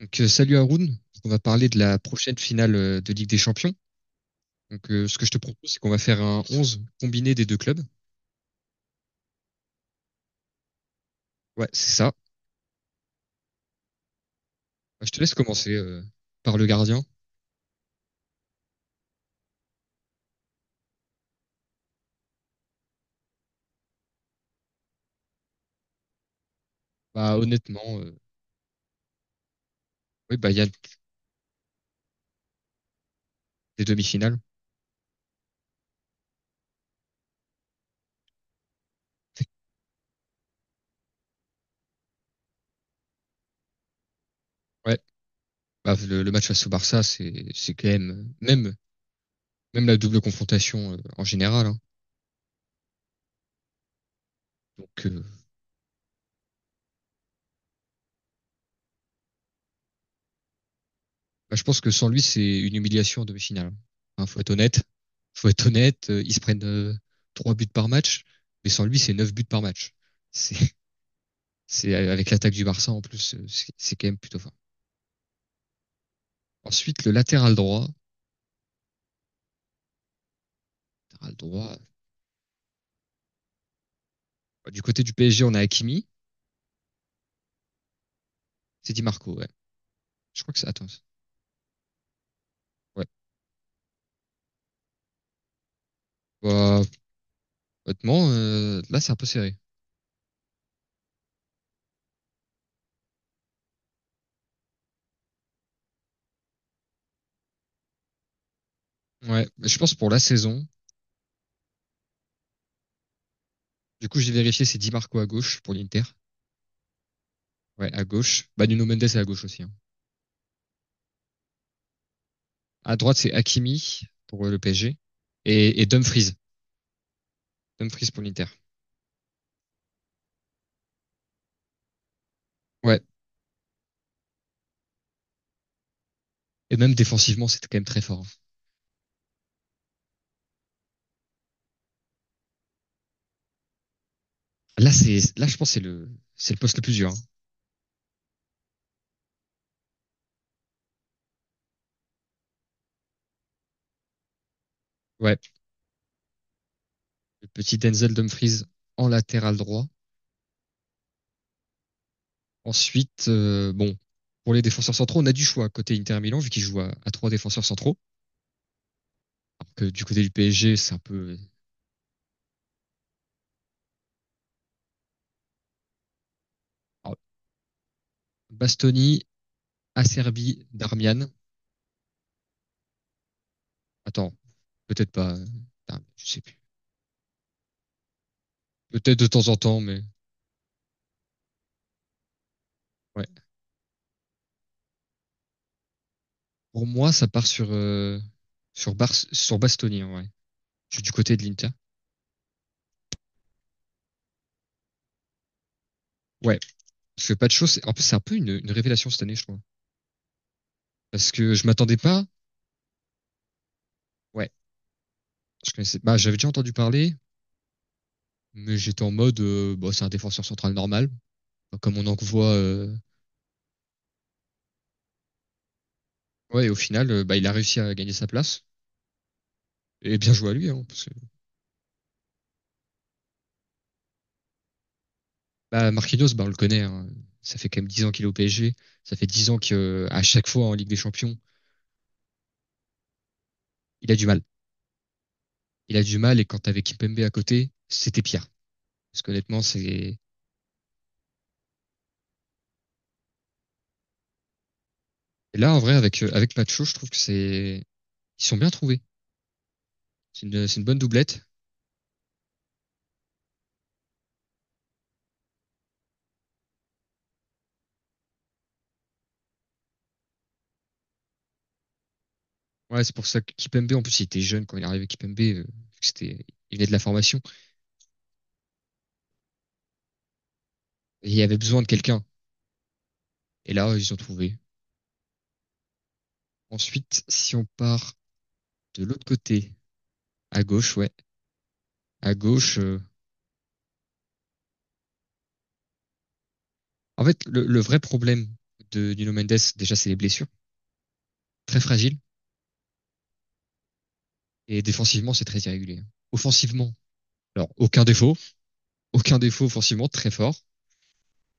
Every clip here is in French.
Salut Haroun. On va parler de la prochaine finale de Ligue des Champions. Ce que je te propose, c'est qu'on va faire un 11 combiné des deux clubs. Ouais, c'est ça. Je te laisse commencer par le gardien. Bah, honnêtement, euh, oui, il y a des demi-finales. Ouais, bah, le match face au Barça, c'est quand même, même la double confrontation en général, hein. Donc, euh, je pense que sans lui, c'est une humiliation en demi-finale. Hein, faut être honnête. Faut être honnête. Ils se prennent 3 buts par match, mais sans lui, c'est 9 buts par match. C'est C'est avec l'attaque du Barça en plus, c'est quand même plutôt fort. Ensuite, le latéral droit. Latéral droit. Du côté du PSG, on a Hakimi. C'est Di Marco, ouais. Je crois que c'est. Attends. Ouais. Bah, là, c'est un peu serré. Ouais. Mais je pense pour la saison. Du coup, j'ai vérifié, c'est Di Marco à gauche pour l'Inter. Ouais, à gauche. Bah, Nuno Mendes est à gauche aussi, hein. À droite, c'est Hakimi pour le PSG. Et Dumfries. Dumfries pour l'Inter. Ouais. Et même défensivement, c'était quand même très fort, hein. Là, je pense que c'est c'est le poste le plus dur, hein. Ouais. Le petit Denzel Dumfries en latéral droit. Ensuite, euh, bon, pour les défenseurs centraux, on a du choix côté Inter Milan, vu qu'ils jouent à trois défenseurs centraux. Alors que du côté du PSG, c'est un peu alors, Bastoni, Acerbi, Darmian. Attends, peut-être pas. Darmian, je sais plus. Peut-être de temps en temps, mais ouais. Pour moi, ça part sur Bar sur Bastoni, en vrai. Du côté de l'Inter. Ouais, parce que pas de c'est en plus c'est un peu une révélation cette année, je crois. Parce que je m'attendais pas. Ouais, je connaissais. Bah, j'avais déjà entendu parler. Mais j'étais en mode, bah, c'est un défenseur central normal. Enfin, comme on en voit. Ouais, et au final, bah, il a réussi à gagner sa place. Et bien joué à lui, hein, parce que bah, Marquinhos, bah, on le connaît, hein. Ça fait quand même 10 ans qu'il est au PSG. Ça fait 10 ans que à chaque fois en Ligue des Champions, il a du mal. Il a du mal, et quand t'avais Kimpembe à côté, c'était pire. Parce qu'honnêtement, c'est. Et là, en vrai, avec, avec Nacho, je trouve que c'est. Ils sont bien trouvés. C'est une bonne doublette. Ouais, c'est pour ça que Kimpembe, en plus, il était jeune quand il est arrivé Kimpembe, c'était. Il venait de la formation. Et il avait besoin de quelqu'un. Et là, ils ont trouvé. Ensuite, si on part de l'autre côté, à gauche, ouais, à gauche. En fait, le vrai problème de Nuno Mendes, déjà, c'est les blessures, très fragiles, et défensivement, c'est très irrégulier. Offensivement, alors aucun défaut, aucun défaut offensivement, très fort.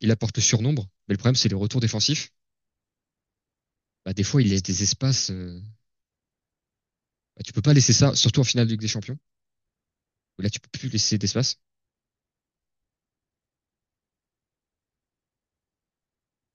Il apporte le surnombre, mais le problème, c'est le retour défensif. Bah, des fois, il laisse des espaces. Bah, tu peux pas laisser ça, surtout en finale de Ligue des Champions. Là, tu peux plus laisser d'espace.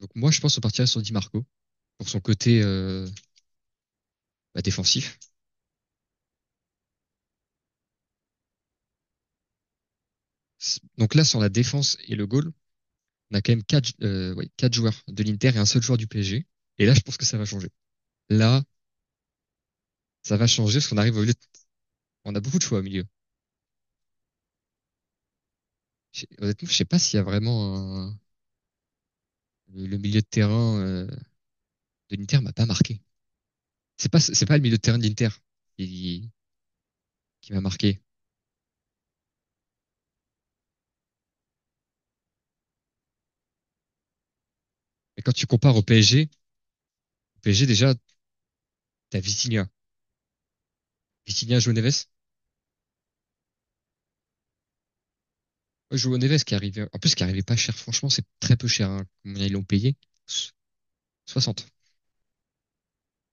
Donc moi, je pense qu'on partirait sur Di Marco pour son côté bah, défensif. Donc là, sur la défense et le goal, on a quand même 4, ouais, 4 joueurs de l'Inter et un seul joueur du PSG. Et là, je pense que ça va changer. Là, ça va changer parce qu'on arrive au milieu. De... On a beaucoup de choix au milieu. Honnêtement, je sais pas s'il y a vraiment un- Le milieu de terrain de l'Inter m'a pas marqué. C'est pas le milieu de terrain de l'Inter qui, qui m'a marqué. Mais quand tu compares au PSG, au PSG déjà t'as Vitinha, Vitinha joue Neves. Ouais, Neves qui est en plus qui arrivait pas cher. Franchement, c'est très peu cher, hein. Ils l'ont payé? So- 60.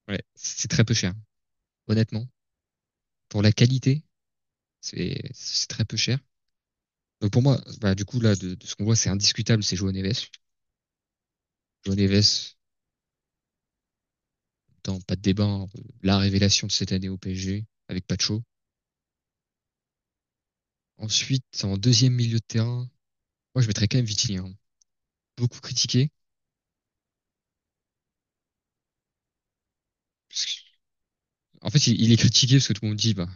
Ouais, c'est très peu cher. Honnêtement, pour la qualité C'est très peu cher. Donc pour moi, bah, du coup, là, de ce qu'on voit, c'est indiscutable, c'est Joao Neves. Joao Neves, dans pas de débat, hein, la révélation de cette année au PSG, avec Pacho. Ensuite, en deuxième milieu de terrain, moi, je mettrais quand même Vitinha, hein. Beaucoup critiqué. Parce que- En fait, il est critiqué parce que tout le monde dit, bah,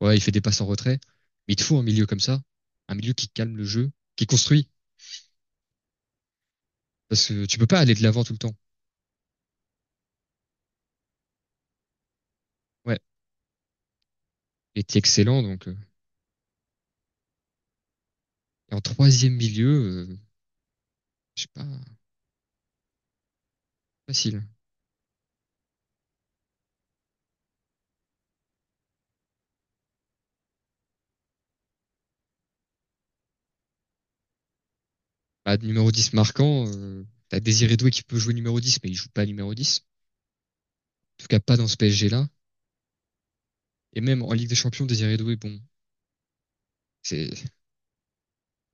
ouais, il fait des passes en retrait. Mais il te faut un milieu comme ça, un milieu qui calme le jeu, qui construit. Parce que tu peux pas aller de l'avant tout le temps. Ouais, il était excellent, donc. Et en troisième milieu, je sais pas, facile. Bah, de numéro 10 marquant, t'as Désiré Doué qui peut jouer numéro 10, mais il joue pas numéro 10. En tout cas, pas dans ce PSG-là. Et même en Ligue des Champions, Désiré Doué, bon, c'est,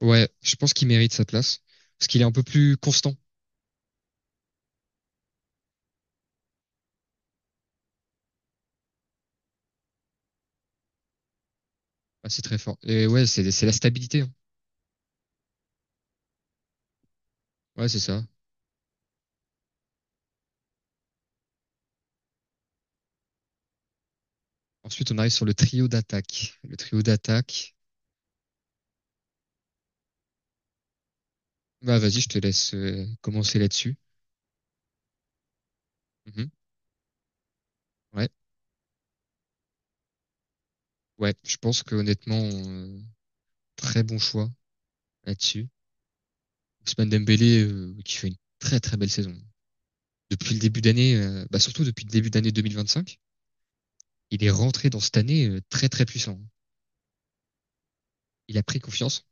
ouais, je pense qu'il mérite sa place. Parce qu'il est un peu plus constant. Ah, c'est très fort. Et ouais, c'est la stabilité, hein. Ouais, c'est ça. Ensuite, on arrive sur le trio d'attaque. Le trio d'attaque. Bah, vas-y, je te laisse commencer là-dessus. Mhm. Ouais. Ouais. Je pense que très bon choix là-dessus. Ousmane Dembélé, qui fait une très très belle saison depuis le début d'année, bah, surtout depuis le début d'année 2025, il est rentré dans cette année très très puissant. Il a pris confiance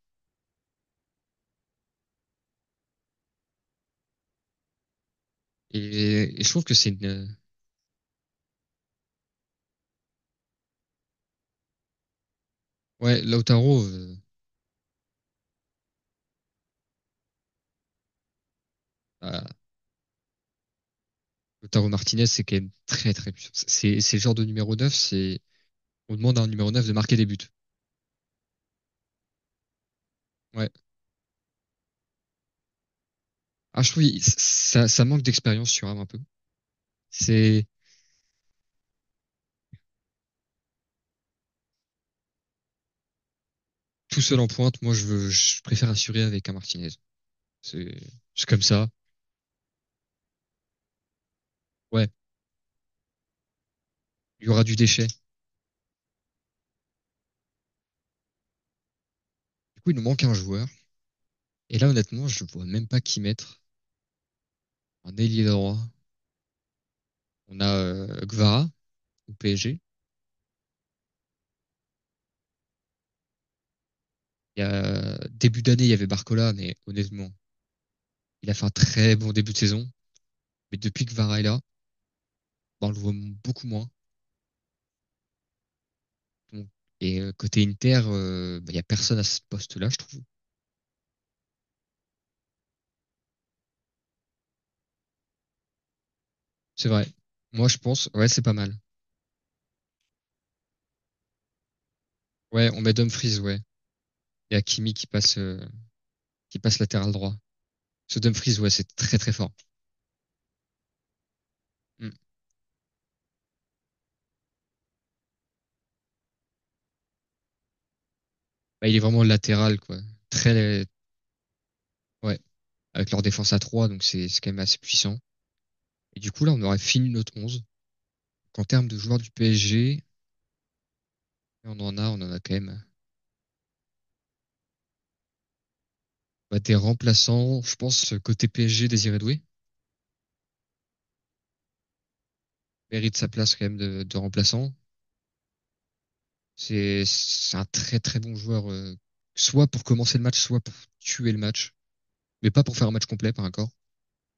et je trouve que ouais, Lautaro, bah, Lautaro Martinez, c'est quand même très très puissant. C'est le genre de numéro 9, c'est, on demande à un numéro 9 de marquer des buts. Ouais. Ça, ça manque d'expérience sur Ham un peu. C'est Tout seul en pointe. Moi, je préfère assurer avec un Martinez. C'est, c'est comme ça. Ouais. Il y aura du déchet. Du coup, il nous manque un joueur. Et là, honnêtement, je vois même pas qui mettre. Un ailier droit. On a Gvara au PSG. Il y a, début d'année, il y avait Barcola, mais honnêtement, il a fait un très bon début de saison. Mais depuis que Gvara est là, bah, on le voit beaucoup moins. Donc, côté Inter, bah, il y a personne à ce poste-là, je trouve. C'est vrai. Moi, je pense, ouais, c'est pas mal. Ouais, on met Dumfries, ouais. Il y a Kimi qui passe latéral droit. Ce Dumfries, ouais, c'est très très fort. Mm. Bah, il est vraiment latéral, quoi. Très, ouais, avec leur défense à 3 donc c'est quand même assez puissant. Et du coup, là, on aurait fini notre 11 qu'en termes de joueurs du PSG, on en a quand même. Bah, des remplaçants, je pense, côté PSG, Désiré Doué mérite sa place quand même de remplaçant. C'est un très très bon joueur, soit pour commencer le match, soit pour tuer le match, mais pas pour faire un match complet par encore.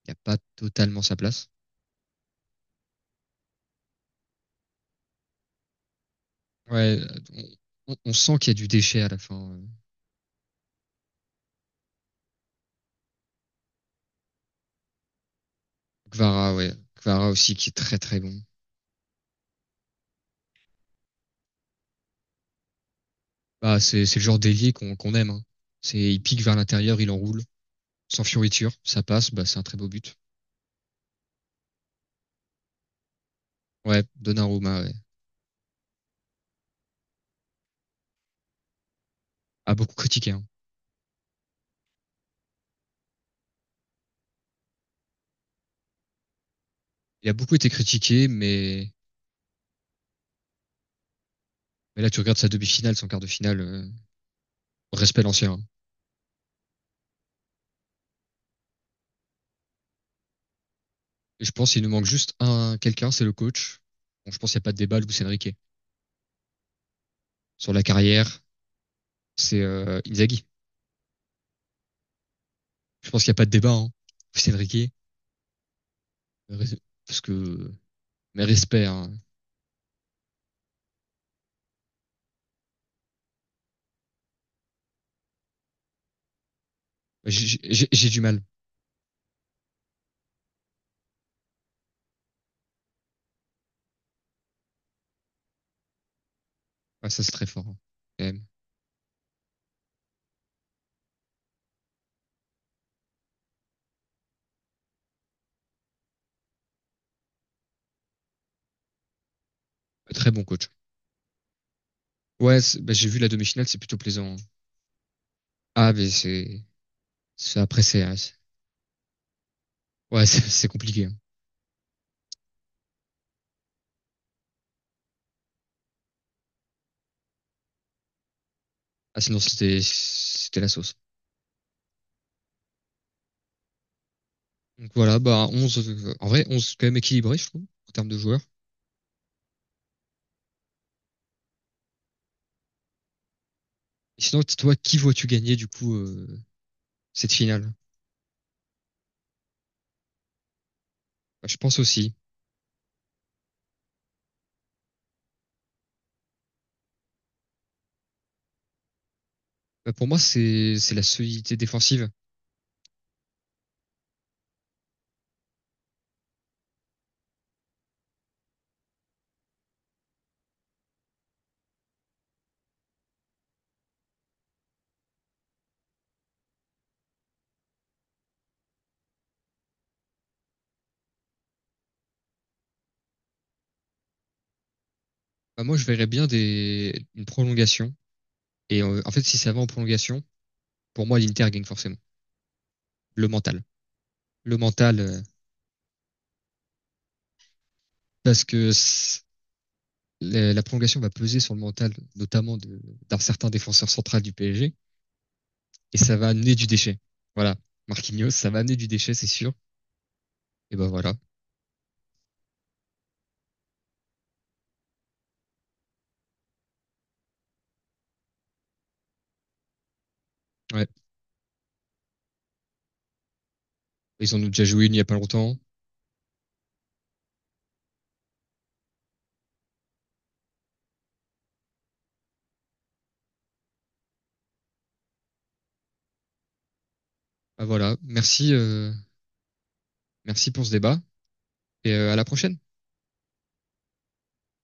Il n'y a pas totalement sa place. Ouais, on, on sent qu'il y a du déchet à la fin. Kvara, ouais. Kvara aussi qui est très très bon. Bah, c'est le genre d'ailier qu'on aime, hein. C'est il pique vers l'intérieur, il enroule, sans fioriture, ça passe, bah c'est un très beau but. Ouais, Donnarumma ouais. A beaucoup critiqué, hein. Il a beaucoup été critiqué, mais là tu regardes sa demi-finale, son quart de finale, respect l'ancien, hein. Et je pense qu'il nous manque juste un quelqu'un, c'est le coach. Bon, je pense qu'il n'y a pas de débat, Luis Enrique. Sur la carrière, c'est Inzaghi. Je pense qu'il n'y a pas de débat, hein. Luis Enrique, parce que mais respect, hein. J'ai du mal. Ouais, ça c'est très fort, hein, quand même. Très bon coach. Ouais, bah, j'ai vu la demi-finale, c'est plutôt plaisant, hein. Ah, mais après c'est ouais, c'est compliqué, hein. Ah, sinon, c'était la sauce. Donc voilà, bah, 11, en vrai, 11 quand même équilibré, je trouve, en termes de joueurs. Et sinon, toi, qui vois-tu gagner, du coup, cette finale? Bah, je pense aussi. Bah, pour moi, c'est la solidité défensive. Je verrais bien une prolongation. En fait, si ça va en prolongation, pour moi, l'Inter gagne forcément. Le mental. Le mental, parce que c- la prolongation va peser sur le mental, notamment d'un certain défenseur central du PSG, et ça va amener du déchet. Voilà. Marquinhos, ça va amener du déchet, c'est sûr. Et ben voilà. Ouais. Ils en ont déjà joué une il y a pas longtemps. Ben voilà. Merci, merci pour ce débat et à la prochaine.